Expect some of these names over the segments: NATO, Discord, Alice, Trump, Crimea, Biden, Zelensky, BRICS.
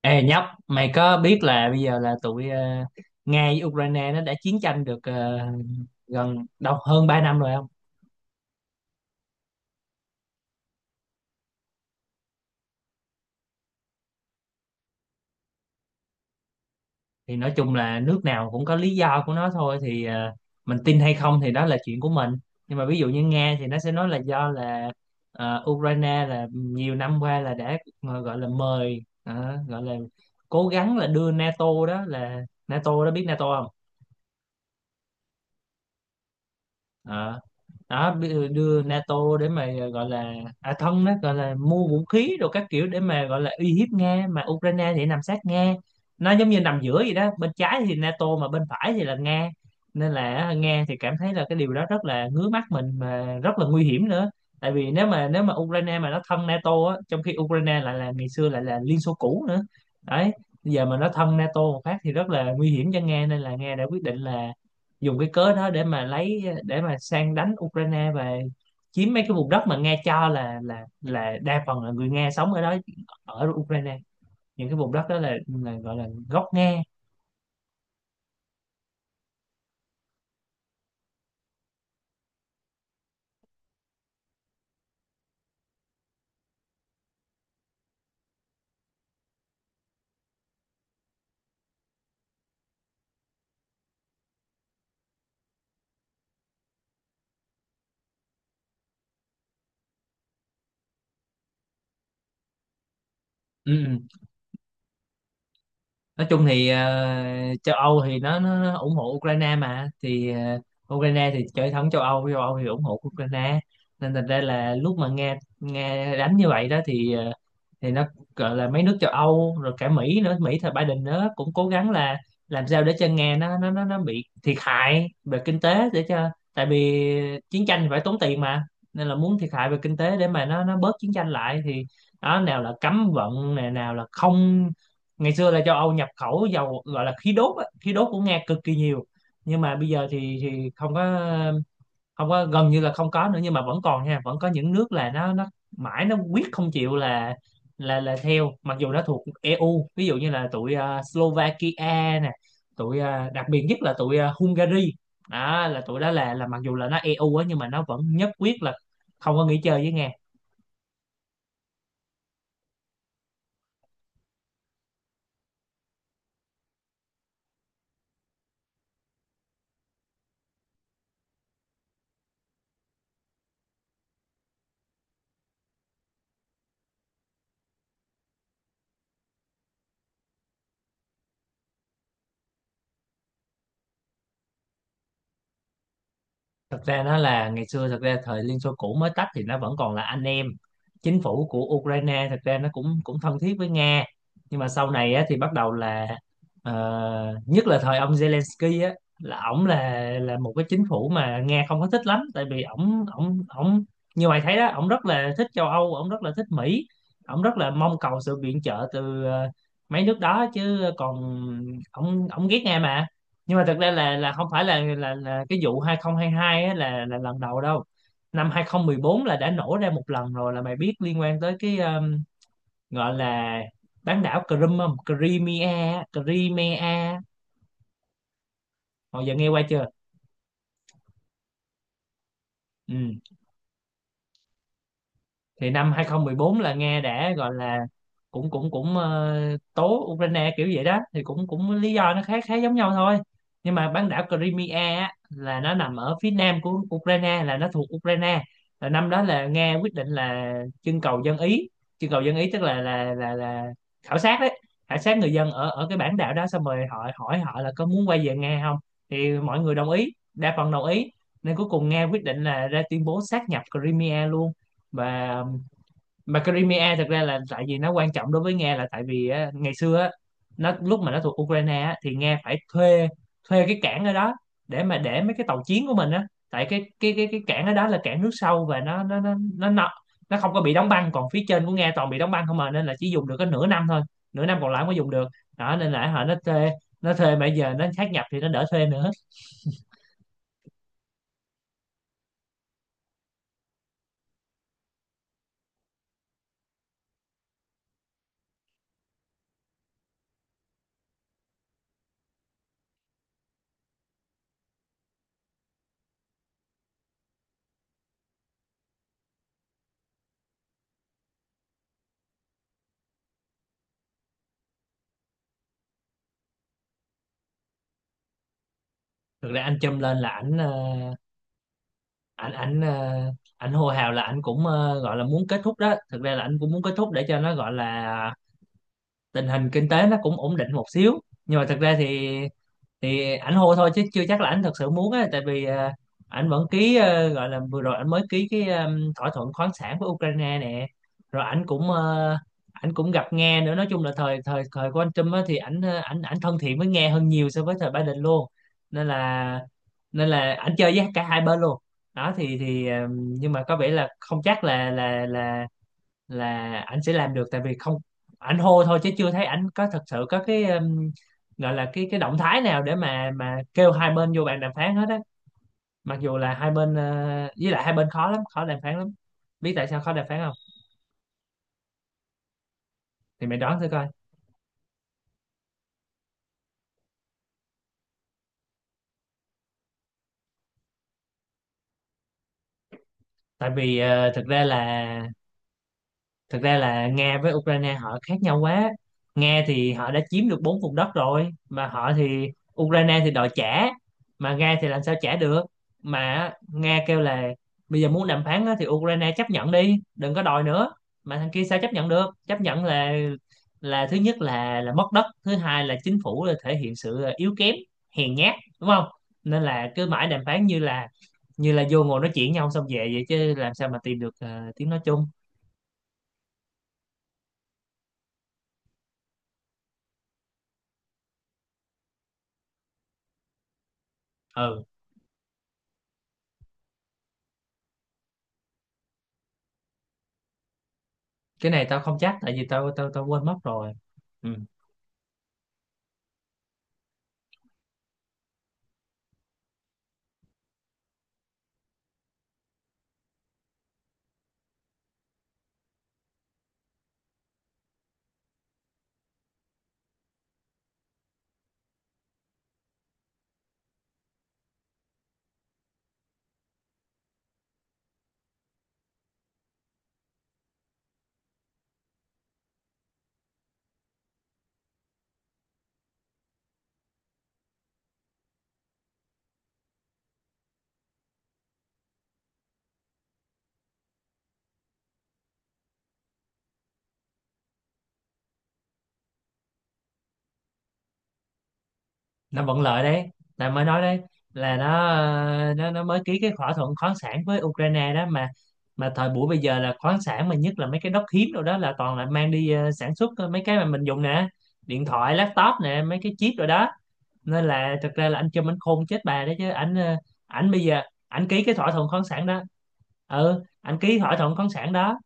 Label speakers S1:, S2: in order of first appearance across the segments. S1: Ê nhóc, mày có biết là bây giờ là tụi Nga với Ukraine nó đã chiến tranh được gần đâu hơn 3 năm rồi không? Thì nói chung là nước nào cũng có lý do của nó thôi thì mình tin hay không thì đó là chuyện của mình. Nhưng mà ví dụ như Nga thì nó sẽ nói là do là Ukraine là nhiều năm qua là đã gọi là mời gọi là cố gắng là đưa NATO, đó là NATO, đó biết NATO không? Ờ. Đó đưa NATO để mà gọi là à thân, đó gọi là mua vũ khí rồi các kiểu để mà gọi là uy hiếp Nga, mà Ukraine thì nằm sát Nga, nó giống như nằm giữa vậy đó, bên trái thì NATO mà bên phải thì là Nga, nên là Nga thì cảm thấy là cái điều đó rất là ngứa mắt mình mà rất là nguy hiểm nữa. Tại vì nếu mà Ukraine mà nó thân NATO á, trong khi Ukraine lại là ngày xưa lại là Liên Xô cũ nữa đấy, bây giờ mà nó thân NATO một phát thì rất là nguy hiểm cho Nga, nên là Nga đã quyết định là dùng cái cớ đó để mà lấy để mà sang đánh Ukraine và chiếm mấy cái vùng đất mà Nga cho là là đa phần là người Nga sống ở đó, ở Ukraine. Những cái vùng đất đó là gọi là gốc Nga. Ừ. Ừ. Nói chung thì châu Âu thì nó ủng hộ Ukraine mà, thì Ukraine thì chơi thống châu Âu, châu Âu thì ủng hộ Ukraine. Nên thành ra là lúc mà Nga Nga đánh như vậy đó thì thì nó gọi là mấy nước châu Âu rồi cả Mỹ nữa, Mỹ thời Biden nữa cũng cố gắng là làm sao để cho Nga nó bị thiệt hại về kinh tế, để cho, tại vì chiến tranh thì phải tốn tiền mà, nên là muốn thiệt hại về kinh tế để mà nó bớt chiến tranh lại thì đó, nào là cấm vận này, nào là không. Ngày xưa là châu Âu nhập khẩu dầu gọi là khí đốt á, khí đốt của Nga cực kỳ nhiều, nhưng mà bây giờ thì không có, gần như là không có nữa. Nhưng mà vẫn còn nha, vẫn có những nước là nó mãi nó quyết không chịu là là theo, mặc dù nó thuộc EU, ví dụ như là tụi Slovakia nè, tụi đặc biệt nhất là tụi Hungary. Đó là tụi đó là mặc dù là nó EU á, nhưng mà nó vẫn nhất quyết là không có nghỉ chơi với Nga. Thật ra nó là ngày xưa, thật ra thời Liên Xô cũ mới tách thì nó vẫn còn là anh em, chính phủ của Ukraine thật ra nó cũng cũng thân thiết với Nga. Nhưng mà sau này á, thì bắt đầu là ờ, nhất là thời ông Zelensky á, là ổng là một cái chính phủ mà Nga không có thích lắm, tại vì ổng ổng ổng như mày thấy đó, ổng rất là thích châu Âu, ổng rất là thích Mỹ, ổng rất là mong cầu sự viện trợ từ mấy nước đó, chứ còn ổng ổng ghét Nga mà. Nhưng mà thật ra là không phải là cái vụ 2022 á, là lần đầu đâu, năm 2014 là đã nổ ra một lần rồi, là mày biết, liên quan tới cái gọi là bán đảo Crimea, Crimea, Crimea, hồi giờ nghe qua chưa? Ừ. Thì năm 2014 là Nga đã gọi là cũng cũng cũng tố Ukraine kiểu vậy đó, thì cũng cũng lý do nó khá khá giống nhau thôi. Nhưng mà bán đảo Crimea á, là nó nằm ở phía nam của Ukraine, là nó thuộc Ukraine, là năm đó là Nga quyết định là trưng cầu dân ý. Trưng cầu dân ý tức là khảo sát đấy, khảo sát người dân ở ở cái bán đảo đó, xong rồi họ hỏi họ là có muốn quay về Nga không, thì mọi người đồng ý, đa phần đồng ý. Nên cuối cùng Nga quyết định là ra tuyên bố sáp nhập Crimea luôn. Và mà thực ra là tại vì nó quan trọng đối với Nga, là tại vì á, ngày xưa á, nó lúc mà nó thuộc Ukraine á, thì Nga phải thuê, thuê cái cảng ở đó để mà để mấy cái tàu chiến của mình á, tại cái cảng ở đó là cảng nước sâu, và nó không có bị đóng băng, còn phía trên của Nga toàn bị đóng băng không à, nên là chỉ dùng được có nửa năm thôi, nửa năm còn lại không có dùng được đó. Nên là họ thuê nó thuê mà giờ nó sát nhập thì nó đỡ thuê nữa. Thực ra anh châm lên là ảnh ảnh ờ, ảnh hô hào là ảnh cũng gọi là muốn kết thúc đó, thực ra là ảnh cũng muốn kết thúc để cho nó gọi là tình hình kinh tế nó cũng ổn định một xíu. Nhưng mà thật ra thì ảnh hô thôi chứ chưa chắc là ảnh thật sự muốn á, tại vì ảnh vẫn ký gọi là vừa rồi ảnh mới ký cái thỏa thuận khoáng sản với Ukraine nè. Rồi ảnh cũng gặp Nga nữa. Nói chung là thời thời thời của anh Trump á, thì ảnh ờ, ảnh ảnh thân thiện với Nga hơn nhiều so với thời Biden luôn. Nên là nên là ảnh chơi với cả hai bên luôn. Đó thì nhưng mà có vẻ là không chắc là là ảnh sẽ làm được, tại vì không, ảnh hô thôi chứ chưa thấy ảnh có thật sự có cái gọi là cái động thái nào để mà kêu hai bên vô bàn đàm phán hết á, mặc dù là hai bên với lại hai bên khó lắm, khó đàm phán lắm. Biết tại sao khó đàm phán không? Thì mày đoán thử coi. Tại vì thực ra là Nga với Ukraine họ khác nhau quá. Nga thì họ đã chiếm được bốn vùng đất rồi mà họ thì, Ukraine thì đòi trả, mà Nga thì làm sao trả được. Mà Nga kêu là bây giờ muốn đàm phán á, thì Ukraine chấp nhận đi, đừng có đòi nữa, mà thằng kia sao chấp nhận được, chấp nhận là thứ nhất là mất đất, thứ hai là chính phủ là thể hiện sự à, yếu kém, hèn nhát, đúng không? Nên là cứ mãi đàm phán như là vô ngồi nói chuyện nhau xong về vậy, chứ làm sao mà tìm được tiếng nói chung. Ừ. Cái này tao không chắc tại vì tao tao tao quên mất rồi. Ừ. Nó vẫn lợi đấy, tao mới nói đấy là nó mới ký cái thỏa thuận khoáng sản với Ukraine đó mà. Mà thời buổi bây giờ là khoáng sản mà, nhất là mấy cái đất hiếm rồi đó, là toàn là mang đi sản xuất mấy cái mà mình dùng nè, điện thoại, laptop nè, mấy cái chip rồi đó. Nên là thực ra là anh Trump anh khôn chết bà đấy chứ, ảnh ảnh bây giờ ảnh ký cái thỏa thuận khoáng sản đó. Ừ, ảnh ký thỏa thuận khoáng sản đó,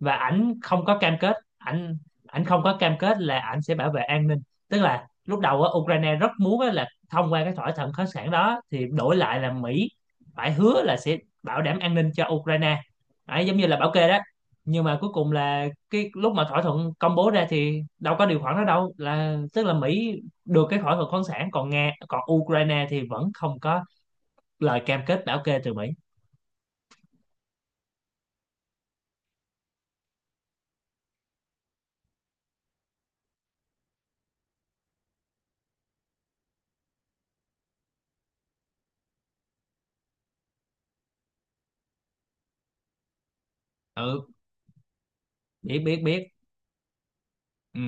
S1: và ảnh không có cam kết, ảnh ảnh không có cam kết là ảnh sẽ bảo vệ an ninh. Tức là lúc đầu á, Ukraine rất muốn á, là thông qua cái thỏa thuận khoáng sản đó thì đổi lại là Mỹ phải hứa là sẽ bảo đảm an ninh cho Ukraine. Đấy, giống như là bảo kê đó. Nhưng mà cuối cùng là cái lúc mà thỏa thuận công bố ra thì đâu có điều khoản đó đâu, là tức là Mỹ được cái thỏa thuận khoáng sản, còn Nga, còn Ukraine thì vẫn không có lời cam kết bảo kê từ Mỹ. Ừ. Biết biết biết. Ừ.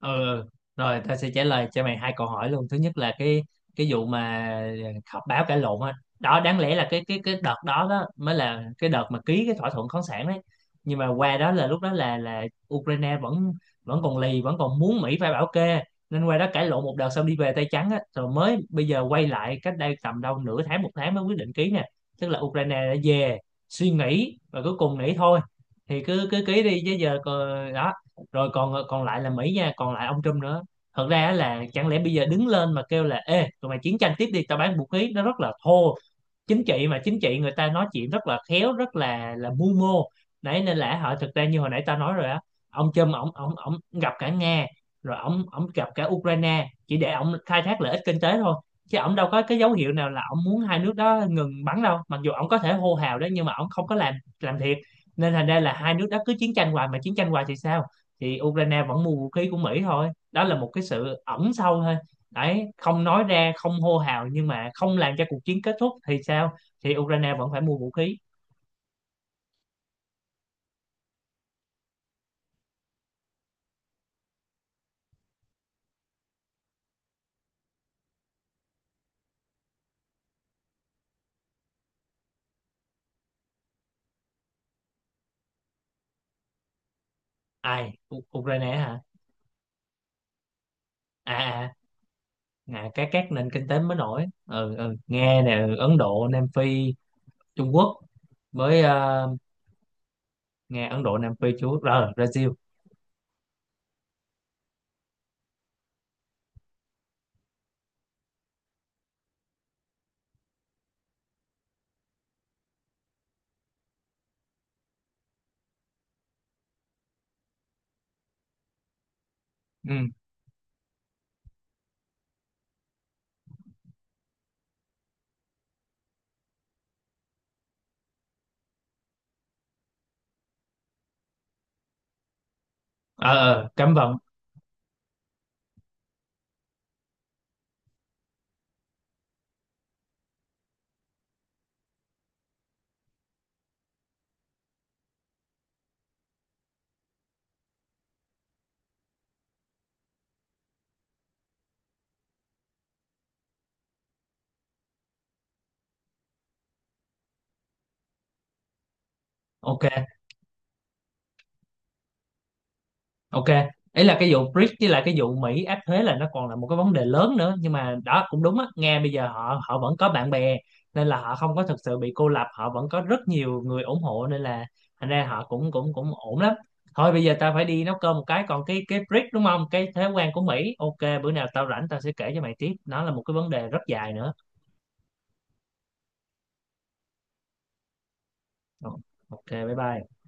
S1: Ừ. Rồi tao sẽ trả lời cho mày hai câu hỏi luôn. Thứ nhất là cái vụ mà họp báo cãi lộn á, đó đáng lẽ là cái đợt đó, đó mới là cái đợt mà ký cái thỏa thuận khoáng sản đấy. Nhưng mà qua đó là lúc đó là Ukraine vẫn vẫn còn lì, vẫn còn muốn Mỹ phải bảo kê, nên qua đó cãi lộn một đợt xong đi về tay trắng á, rồi mới bây giờ quay lại cách đây tầm đâu nửa tháng, một tháng mới quyết định ký nè. Tức là Ukraine đã về suy nghĩ và cuối cùng nghĩ thôi thì cứ cứ ký đi, chứ giờ còn đó. Rồi còn còn lại là Mỹ nha, còn lại ông Trump nữa. Thật ra á là chẳng lẽ bây giờ đứng lên mà kêu là ê tụi mày chiến tranh tiếp đi tao bán vũ khí, nó rất là thô. Chính trị mà, chính trị người ta nói chuyện rất là khéo, rất là mưu mô đấy. Nên là họ, thực ra như hồi nãy tao nói rồi á, ông Trump ông gặp cả Nga rồi ông gặp cả Ukraine chỉ để ông khai thác lợi ích kinh tế thôi, chứ ông đâu có cái dấu hiệu nào là ông muốn hai nước đó ngừng bắn đâu. Mặc dù ông có thể hô hào đó, nhưng mà ông không có làm thiệt. Nên thành ra là hai nước đó cứ chiến tranh hoài, mà chiến tranh hoài thì sao? Thì Ukraine vẫn mua vũ khí của Mỹ thôi. Đó là một cái sự ẩn sâu thôi đấy, không nói ra không hô hào nhưng mà không làm cho cuộc chiến kết thúc thì sao? Thì Ukraine vẫn phải mua vũ khí. Ai Ukraine hả? À à, à các nền kinh tế mới nổi. Ừ, ừ. Nga nè, Ấn Độ, Nam Phi, Trung Quốc với Nga, Ấn Độ, Nam Phi, Trung Quốc rồi Brazil. Ừ. Ờ Cấm vận. Ok. Ok, ấy là cái vụ BRICS với lại cái vụ Mỹ áp thuế là nó còn là một cái vấn đề lớn nữa, nhưng mà đó cũng đúng á, Nga bây giờ họ họ vẫn có bạn bè, nên là họ không có thực sự bị cô lập, họ vẫn có rất nhiều người ủng hộ nên là thành ra họ cũng cũng cũng ổn lắm. Thôi bây giờ tao phải đi nấu cơm một cái, còn cái BRICS đúng không? Cái thuế quan của Mỹ. Ok, bữa nào tao rảnh tao sẽ kể cho mày tiếp, nó là một cái vấn đề rất dài nữa. Ờ, Ok, bye bye.